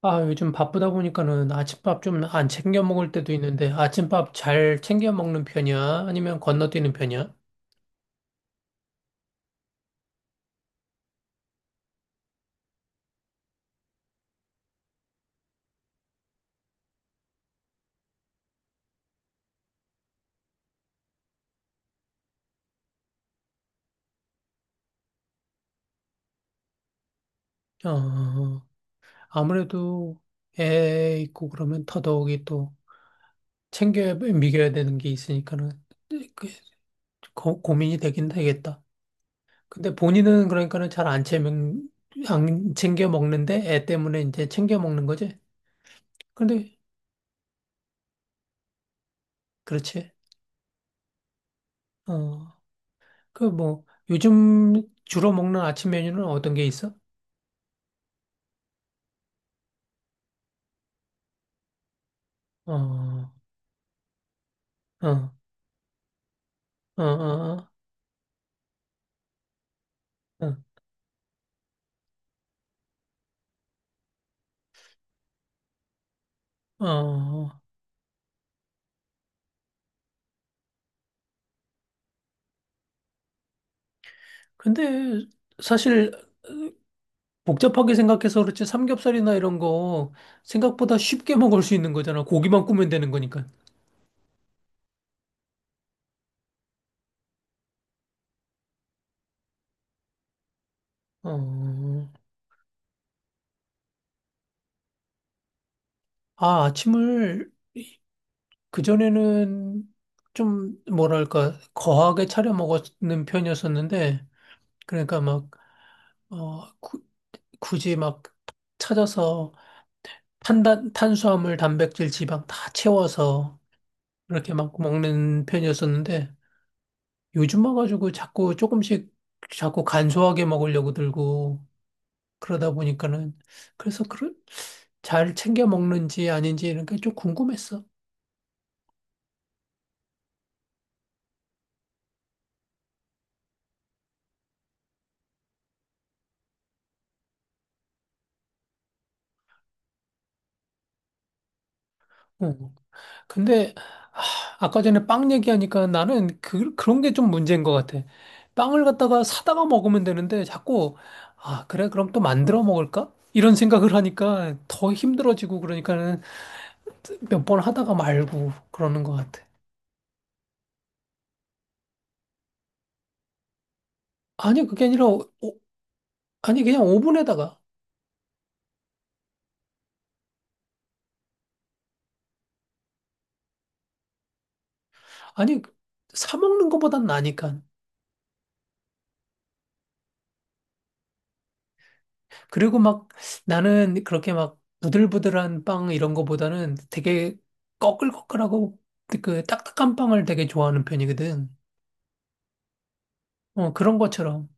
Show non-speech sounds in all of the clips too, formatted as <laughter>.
아, 요즘 바쁘다 보니까는 아침밥 좀 안 챙겨 먹을 때도 있는데 아침밥 잘 챙겨 먹는 편이야? 아니면 건너뛰는 편이야? 어, 아무래도 애 있고 그러면 더더욱이 또 챙겨 미겨야 되는 게 있으니까는 그 고민이 되긴 되겠다. 근데 본인은 그러니까는 잘 안 챙겨, 안 챙겨 먹는데 애 때문에 이제 챙겨 먹는 거지? 근데, 그렇지. 어, 그 뭐, 요즘 주로 먹는 아침 메뉴는 어떤 게 있어? 어, 어, 어, 어, 어, 어. 어. 근데 사실 복잡하게 생각해서 그렇지 삼겹살이나 이런 거 생각보다 쉽게 먹을 수 있는 거잖아. 고기만 구면 되는 거니까. 어, 아, 아침을 그전에는 좀 뭐랄까 거하게 차려 먹는 편이었었는데 그러니까 막 어, 구- 굳이 막 찾아서 탄단 탄수화물, 단백질, 지방 다 채워서 그렇게 막 먹는 편이었었는데 요즘 와가지고 자꾸 조금씩 자꾸 간소하게 먹으려고 들고 그러다 보니까는 그래서 그런 잘 챙겨 먹는지 아닌지 이런 게 좀 궁금했어. 어. 근데 아, 아까 전에 빵 얘기하니까 나는 그런 게 좀 문제인 것 같아. 빵을 갖다가 사다가 먹으면 되는데 자꾸 아, 그래? 그럼 또 만들어 먹을까? 이런 생각을 하니까 더 힘들어지고 그러니까는 몇 번 하다가 말고 그러는 것 같아. 아니, 아니 그냥 오븐에다가 아니 사 먹는 것보단 나니까. 그리고 막 나는 그렇게 막 부들부들한 빵 이런 거보다는 되게 꺼끌꺼끌하고 그 딱딱한 빵을 되게 좋아하는 편이거든. 어, 그런 것처럼.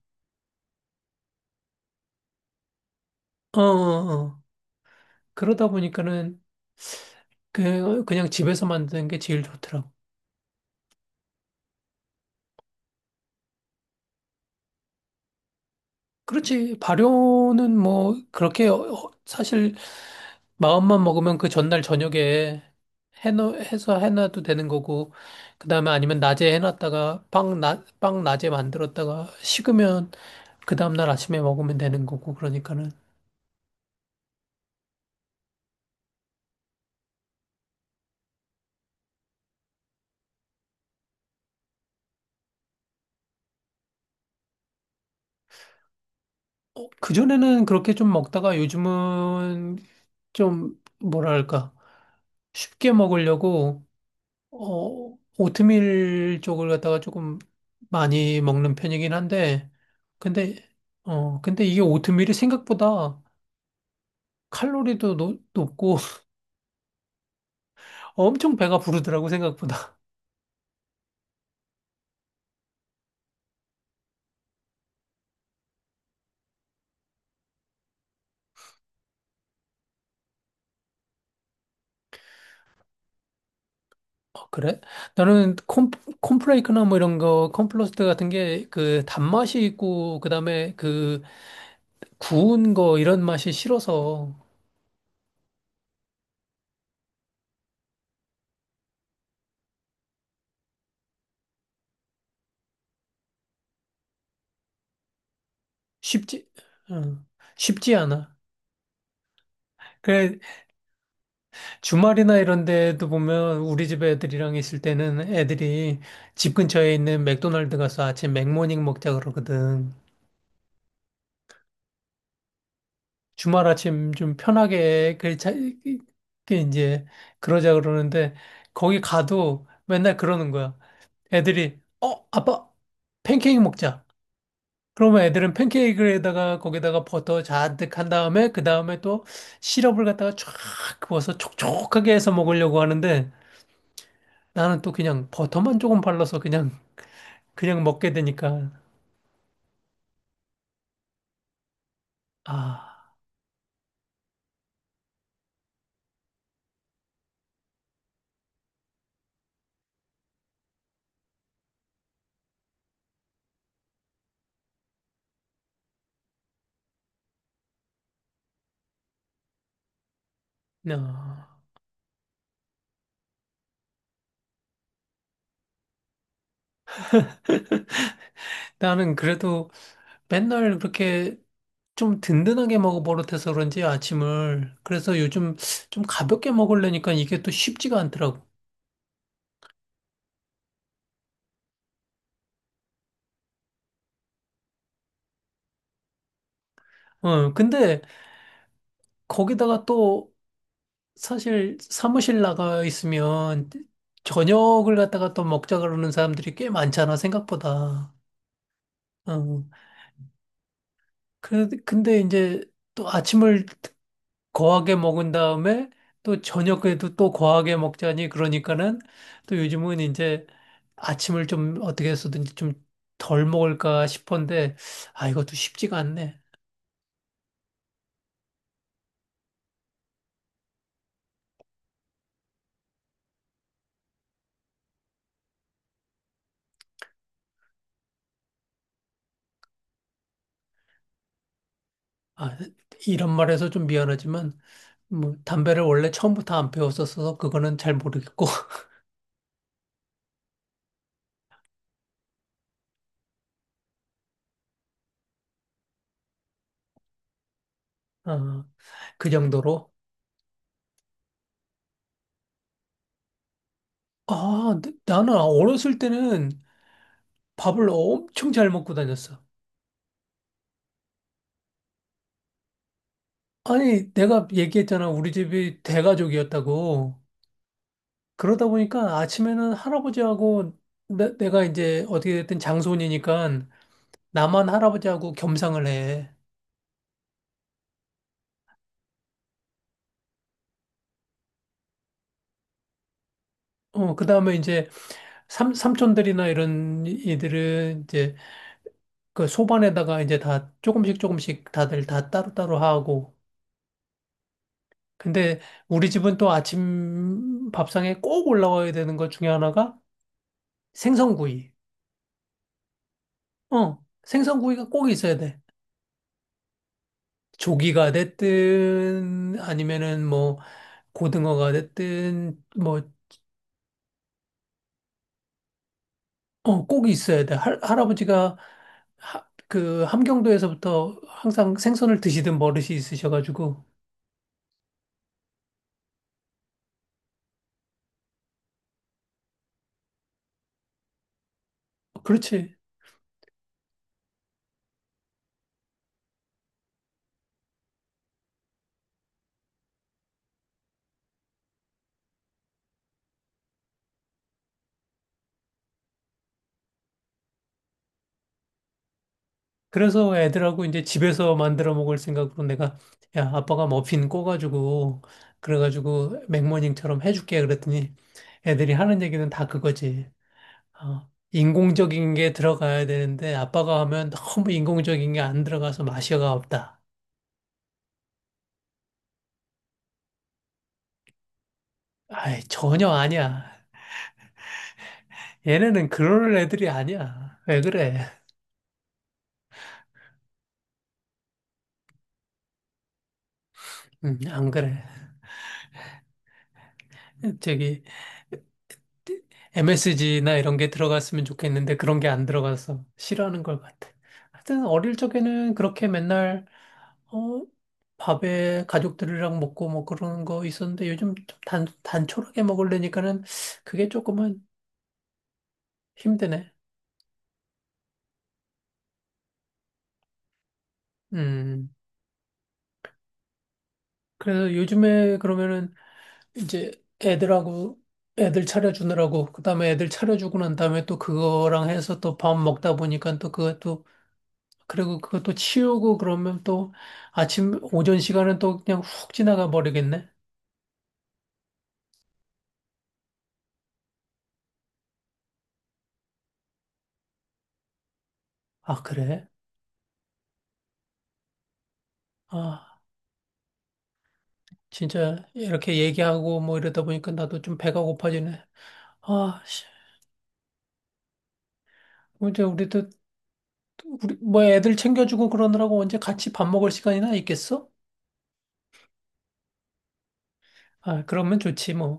어, 어, 어. 그러다 보니까는 그냥 집에서 만드는 게 제일 좋더라고. 그렇지. 발효는 뭐 그렇게 사실 마음만 먹으면 그 전날 저녁에 해서 해놔도 되는 거고 그다음에 아니면 낮에 해놨다가 빵 낮에 만들었다가 식으면 그 다음날 아침에 먹으면 되는 거고 그러니까는 어, 그전에는 그렇게 좀 먹다가 요즘은 좀 뭐랄까 쉽게 먹으려고 어, 오트밀 쪽을 갖다가 조금 많이 먹는 편이긴 한데, 근데, 어, 근데 이게 오트밀이 생각보다 높고 <laughs> 엄청 배가 부르더라고, 생각보다. <laughs> 어, 그래? 나는 콘, 콘플레이크나 뭐 이런 거, 콘플러스트 같은 게 그 단맛이 있고, 그 다음에 그 구운 거 이런 맛이 싫어서 쉽지, 어, 쉽지 않아. 그래, 주말이나 이런 데도 보면 우리 집 애들이랑 있을 때는 애들이 집 근처에 있는 맥도날드 가서 아침 맥모닝 먹자 그러거든. 주말 아침 좀 편하게 이제 그러자 그러는데 거기 가도 맨날 그러는 거야. 애들이 어 아빠 팬케이크 먹자. 그러면 애들은 팬케이크에다가 거기다가 버터 잔뜩 한 다음에 그 다음에 또 시럽을 갖다가 쫙 부어서 촉촉하게 해서 먹으려고 하는데 나는 또 그냥 버터만 조금 발라서 그냥 그냥 먹게 되니까 아, 나 나는 그래도 맨날 그렇게 좀 든든하게 먹어 버릇해서 그런지 아침을 그래서 요즘 좀 가볍게 먹으려니까 이게 또 쉽지가 않더라고. 어, 근데 거기다가 또 사실 사무실 나가 있으면 저녁을 갖다가 또 먹자 그러는 사람들이 꽤 많잖아 생각보다. 어, 그 근데 이제 또 아침을 거하게 먹은 다음에 또 저녁에도 또 거하게 먹자니 그러니까는 또 요즘은 이제 아침을 좀 어떻게 해서든지 좀 덜 먹을까 싶은데 아 이것도 쉽지가 않네. 아 이런 말해서 좀 미안하지만 뭐 담배를 원래 처음부터 안 피웠었어서 그거는 잘 모르겠고 <laughs> 어, 그 정도로 아 나는 어렸을 때는 밥을 엄청 잘 먹고 다녔어. 아니 내가 얘기했잖아 우리 집이 대가족이었다고. 그러다 보니까 아침에는 할아버지하고 내가 이제 어떻게 됐든 장손이니까 나만 할아버지하고 겸상을 해. 어, 그 다음에 이제 삼촌들이나 이런 이들은 이제 그 소반에다가 이제 다 조금씩 조금씩 다들 다 따로따로 하고. 근데 우리 집은 또 아침 밥상에 꼭 올라와야 되는 것 중에 하나가 생선구이. 어, 생선구이가 꼭 있어야 돼. 조기가 됐든 아니면은 뭐 고등어가 됐든 뭐 어, 꼭 있어야 돼. 그 함경도에서부터 항상 생선을 드시던 버릇이 있으셔가지고 그렇지. 그래서 애들하고 이제 집에서 만들어 먹을 생각으로 내가 야 아빠가 머핀 꼬가지고 그래가지고 맥모닝처럼 해줄게 그랬더니 애들이 하는 얘기는 다 그거지. 어, 인공적인 게 들어가야 되는데 아빠가 하면 너무 인공적인 게 안 들어가서 맛이가 없다. 아이 전혀 아니야. 얘네는 그럴 애들이 아니야. 왜 그래? 안 그래. 저기 MSG나 이런 게 들어갔으면 좋겠는데 그런 게 안 들어가서 싫어하는 걸 같아. 하여튼 어릴 적에는 그렇게 맨날 어 밥에 가족들이랑 먹고 뭐 그러는 거 있었는데 요즘 좀 단촐하게 먹으려니까는 그게 조금은 힘드네. 음. 그래서 요즘에 그러면은 이제 애들하고 애들 차려주느라고 그다음에 애들 차려주고 난 다음에 또 그거랑 해서 또 밥 먹다 보니까 또 그것도 그리고 그것도 치우고 그러면 또 아침 오전 시간은 또 그냥 훅 지나가 버리겠네. 아, 그래? 아, 진짜 이렇게 얘기하고 뭐 이러다 보니까 나도 좀 배가 고파지네. 아, 씨. 뭐 이제 우리도 우리 뭐 애들 챙겨주고 그러느라고 언제 같이 밥 먹을 시간이나 있겠어? 아, 그러면 좋지 뭐.